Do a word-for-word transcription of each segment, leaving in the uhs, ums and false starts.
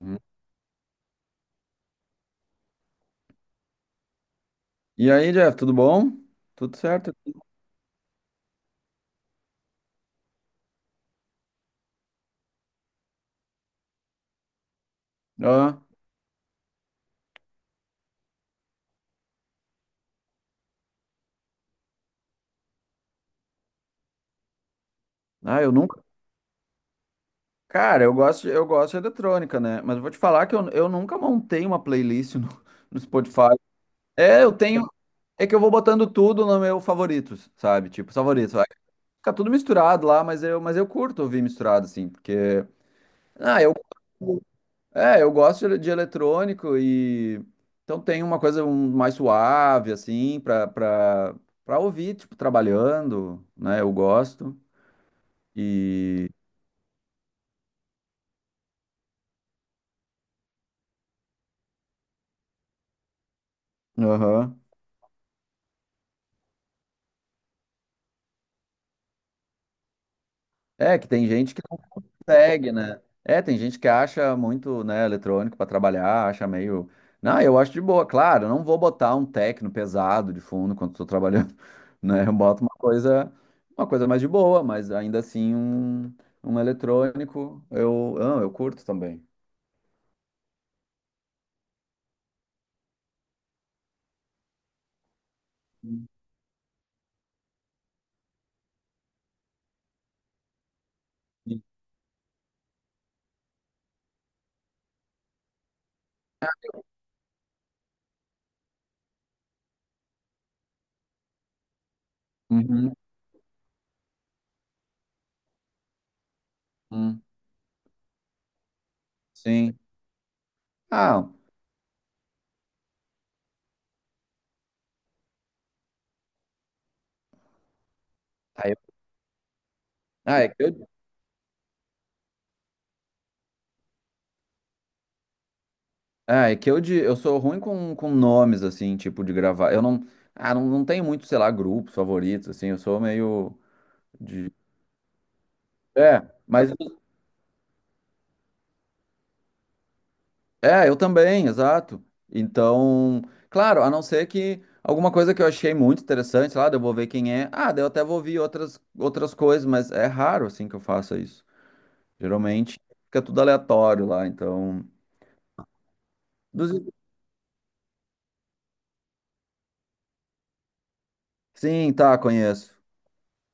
Hum. E aí, Jeff, tudo bom? Tudo certo? Ah, ah, eu nunca. Cara, eu gosto, de- eu gosto de eletrônica, né? Mas eu vou te falar que eu, eu nunca montei uma playlist no, no Spotify. É, eu tenho. É que eu vou botando tudo no meu favoritos, sabe? Tipo, favoritos. Aí fica tudo misturado lá, mas eu, mas eu curto ouvir misturado, assim, porque. Ah, eu. É, eu gosto de, ele- de eletrônico e então tem uma coisa um- mais suave assim para para para ouvir, tipo, trabalhando, né? Eu gosto. E aham. É que tem gente que não consegue, né? É, tem gente que acha muito, né, eletrônico para trabalhar, acha meio. Não, eu acho de boa, claro, eu não vou botar um techno pesado de fundo quando estou trabalhando, né? Eu boto uma coisa uma coisa mais de boa, mas ainda assim um um eletrônico eu, ah, eu curto também. Uhum, uhum, sim. Ah, aí- ah, é que eu, ah, é que eu, de, eu sou ruim com, com nomes, assim, tipo, de gravar. Eu não, ah, não, não tenho muito, sei lá, grupos favoritos, assim, eu sou meio de... É, mas, é, eu também, exato. Então, claro, a não ser que alguma coisa que eu achei muito interessante, sei lá, daí eu vou ver quem é. Ah, daí eu até vou ouvir outras, outras coisas, mas é raro, assim, que eu faça isso. Geralmente fica tudo aleatório lá, então... dos- Sim, tá, conheço.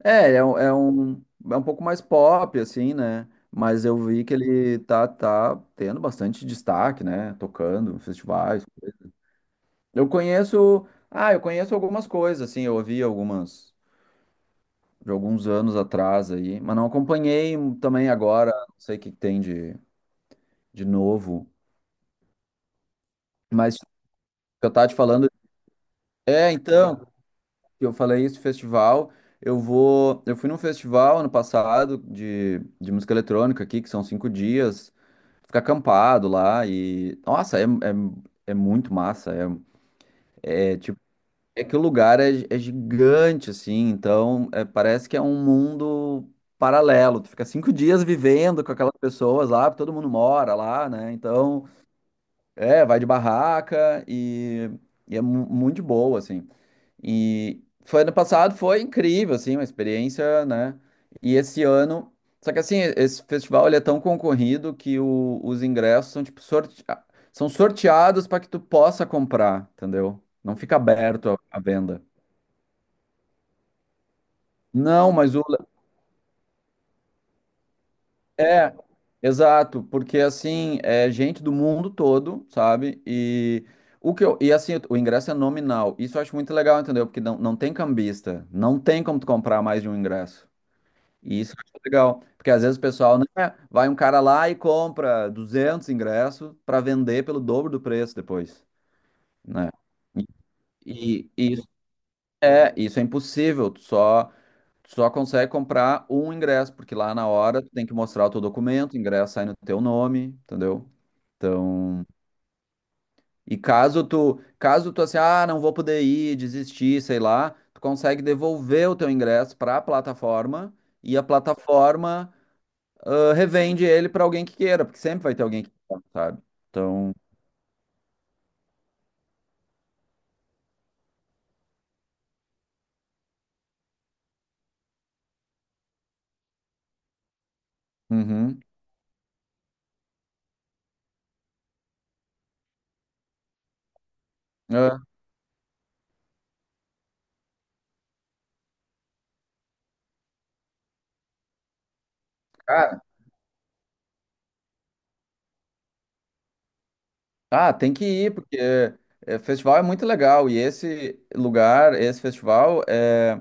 É, é um, é um, é um pouco mais pop, assim, né? Mas eu vi que ele tá, tá tendo bastante destaque, né? Tocando em festivais. Eu conheço. Ah, eu conheço algumas coisas, assim, eu ouvi algumas de alguns anos atrás aí, mas não acompanhei também agora, não sei o que que tem de, de novo. Mas eu tava te falando. É, então, que eu falei isso, festival. Eu vou. Eu fui num festival ano passado de, de música eletrônica aqui, que são cinco dias. Ficar acampado lá e. Nossa, é, é, é muito massa. É, é tipo. É que o lugar é, é gigante, assim, então é, parece que é um mundo paralelo. Tu fica cinco dias vivendo com aquelas pessoas lá, todo mundo mora lá, né? Então, é, vai de barraca e, e é mu- muito de boa, assim. E foi ano passado, foi incrível, assim, uma experiência, né? E esse ano. Só que assim, esse festival ele é tão concorrido que o- os ingressos são tipo sorte... ah, são sorteados para que tu possa comprar, entendeu? Não fica aberto a à venda. Não, mas o. É, exato, porque assim, é gente do mundo todo, sabe? E o que eu. E assim, o ingresso é nominal. Isso eu acho muito legal, entendeu? Porque não, não tem cambista. Não tem como tu comprar mais de um ingresso. E isso eu acho legal, porque às vezes o pessoal, né, vai um cara lá e compra duzentos ingressos para vender pelo dobro do preço depois, né? E, e- e isso é, isso é impossível, tu só, tu só consegue comprar um ingresso, porque lá na hora tu tem que mostrar o teu documento, o ingresso sai no teu nome, entendeu? Então, e caso tu, caso tu assim, ah, não vou poder ir, desistir, sei lá, tu consegue devolver o teu ingresso para a plataforma e a plataforma ah, revende ele para alguém que queira, porque sempre vai ter alguém que queira, sabe? Então, uhum. Ah, cara, ah, tem que ir, porque é, festival é muito legal, e esse lugar, esse festival é.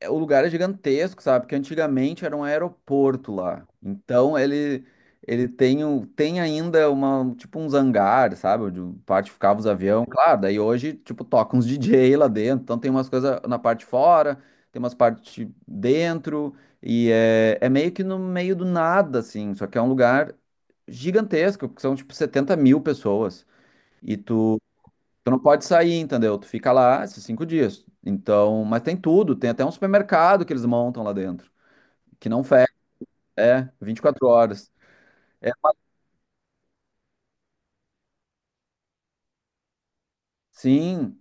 é- O lugar é gigantesco, sabe? Porque antigamente era um aeroporto lá. Então ele ele tem, um- tem ainda uma tipo uns hangares, sabe? Onde parte ficava os aviões. Claro, daí hoje tipo toca uns D J lá dentro. Então tem umas coisas na parte de fora, tem umas partes dentro e é, é meio que no meio do nada assim. Só que é um lugar gigantesco, porque são tipo setenta mil pessoas. E tu tu não pode sair, entendeu? Tu fica lá esses cinco dias. Então, mas tem tudo, tem até um supermercado que eles montam lá dentro, que não fecha, é vinte e quatro horas. É, sim,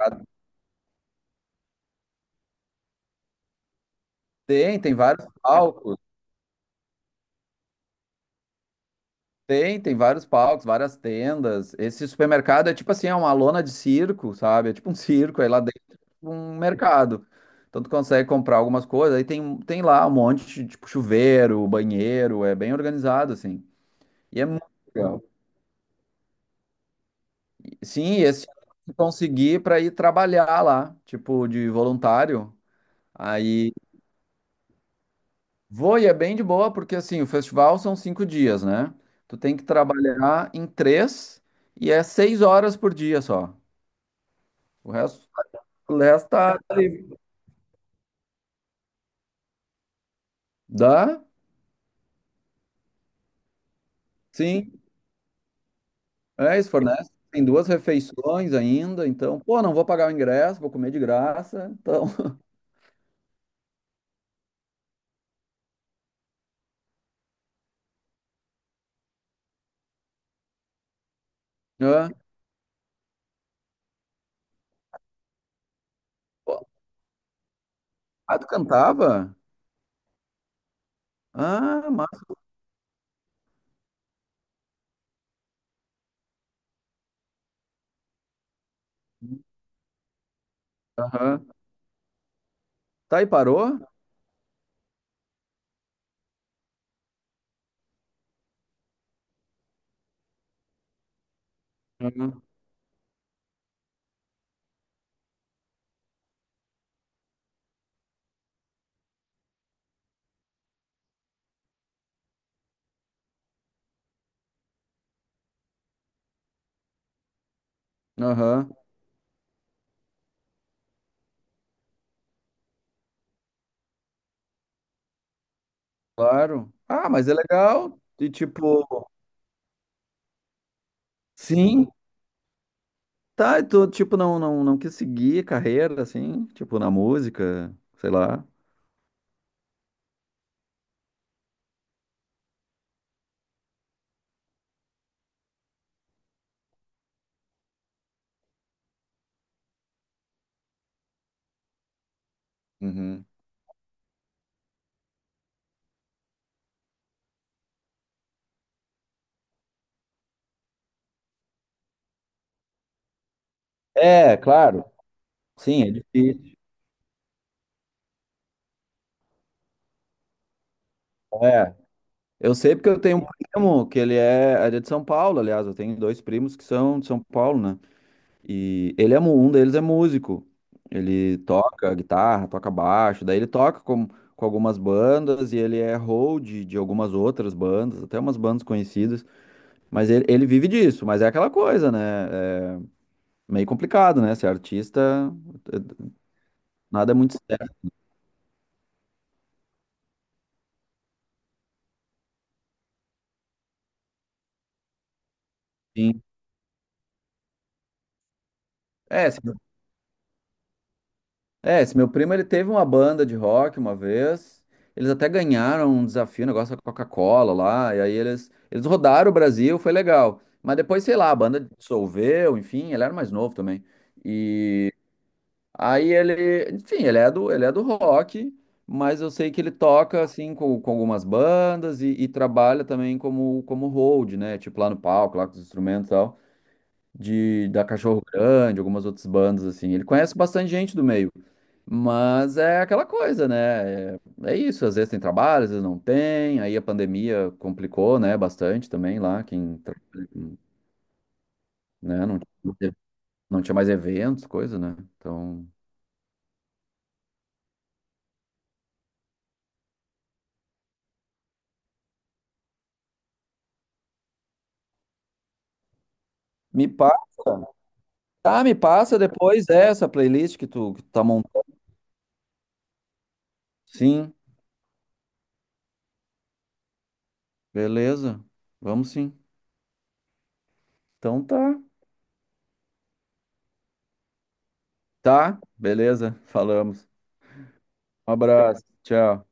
a- tem, tem vários palcos, tem, tem vários palcos, várias tendas. Esse supermercado é tipo assim, é uma lona de circo, sabe? É tipo um circo, aí lá dentro é tipo um mercado. Então tu consegue comprar algumas coisas, aí tem, tem lá um monte de tipo chuveiro, banheiro, é bem organizado assim. E é muito legal. Sim, e esse ano eu consegui para ir trabalhar lá, tipo, de voluntário. Aí vou e é bem de boa, porque assim, o festival são cinco dias, né? Tu tem que trabalhar em três e é seis horas por dia só. O resto, o resto tá livre. Dá? Sim. É, isso fornece. Tem duas refeições ainda, então, pô, não vou pagar o ingresso, vou comer de graça. Então, é. Pô, ah, tu cantava? Ah, massa. Aham. Tá e parou? Aham. Aham. Claro. Ah, mas é legal. E tipo, sim, tá, e tu tipo não não não quis seguir carreira assim, tipo na música, sei lá. Uhum. É, claro. Sim, é difícil. É. Eu sei porque eu tenho um primo que ele é, ele é de São Paulo, aliás, eu tenho dois primos que são de São Paulo, né? E ele é, mu- um deles é músico. Ele toca guitarra, toca baixo, daí ele toca com, com algumas bandas e ele é hold de algumas outras bandas, até umas bandas conhecidas. Mas ele, ele vive disso, mas é aquela coisa, né? É meio complicado, né? Ser artista, eh, nada é muito certo. Assim. É, esse meu, é, esse meu primo, ele teve uma banda de rock uma vez, eles até ganharam um desafio, um negócio da Coca-Cola lá, e aí eles, eles rodaram o Brasil, foi legal. Mas depois, sei lá, a banda dissolveu, enfim, ele era mais novo também. E aí ele, enfim, ele é do, ele é do rock, mas eu sei que ele toca assim com, com algumas bandas e, e trabalha também como como hold, né? Tipo lá no palco, lá com os instrumentos e tal, de da Cachorro Grande, algumas outras bandas assim. Ele conhece bastante gente do meio, mas é aquela coisa, né? É, é isso, às vezes tem trabalho, às vezes não tem. Aí a pandemia complicou, né, bastante também lá, quem trabalha, com- né, não, não teve- não tinha mais eventos, coisa, né? Então, me passa. Tá, me passa depois essa playlist que tu, que tu tá montando. Sim, beleza. Vamos sim. Então tá. Tá, beleza. Falamos. Um abraço. Tchau.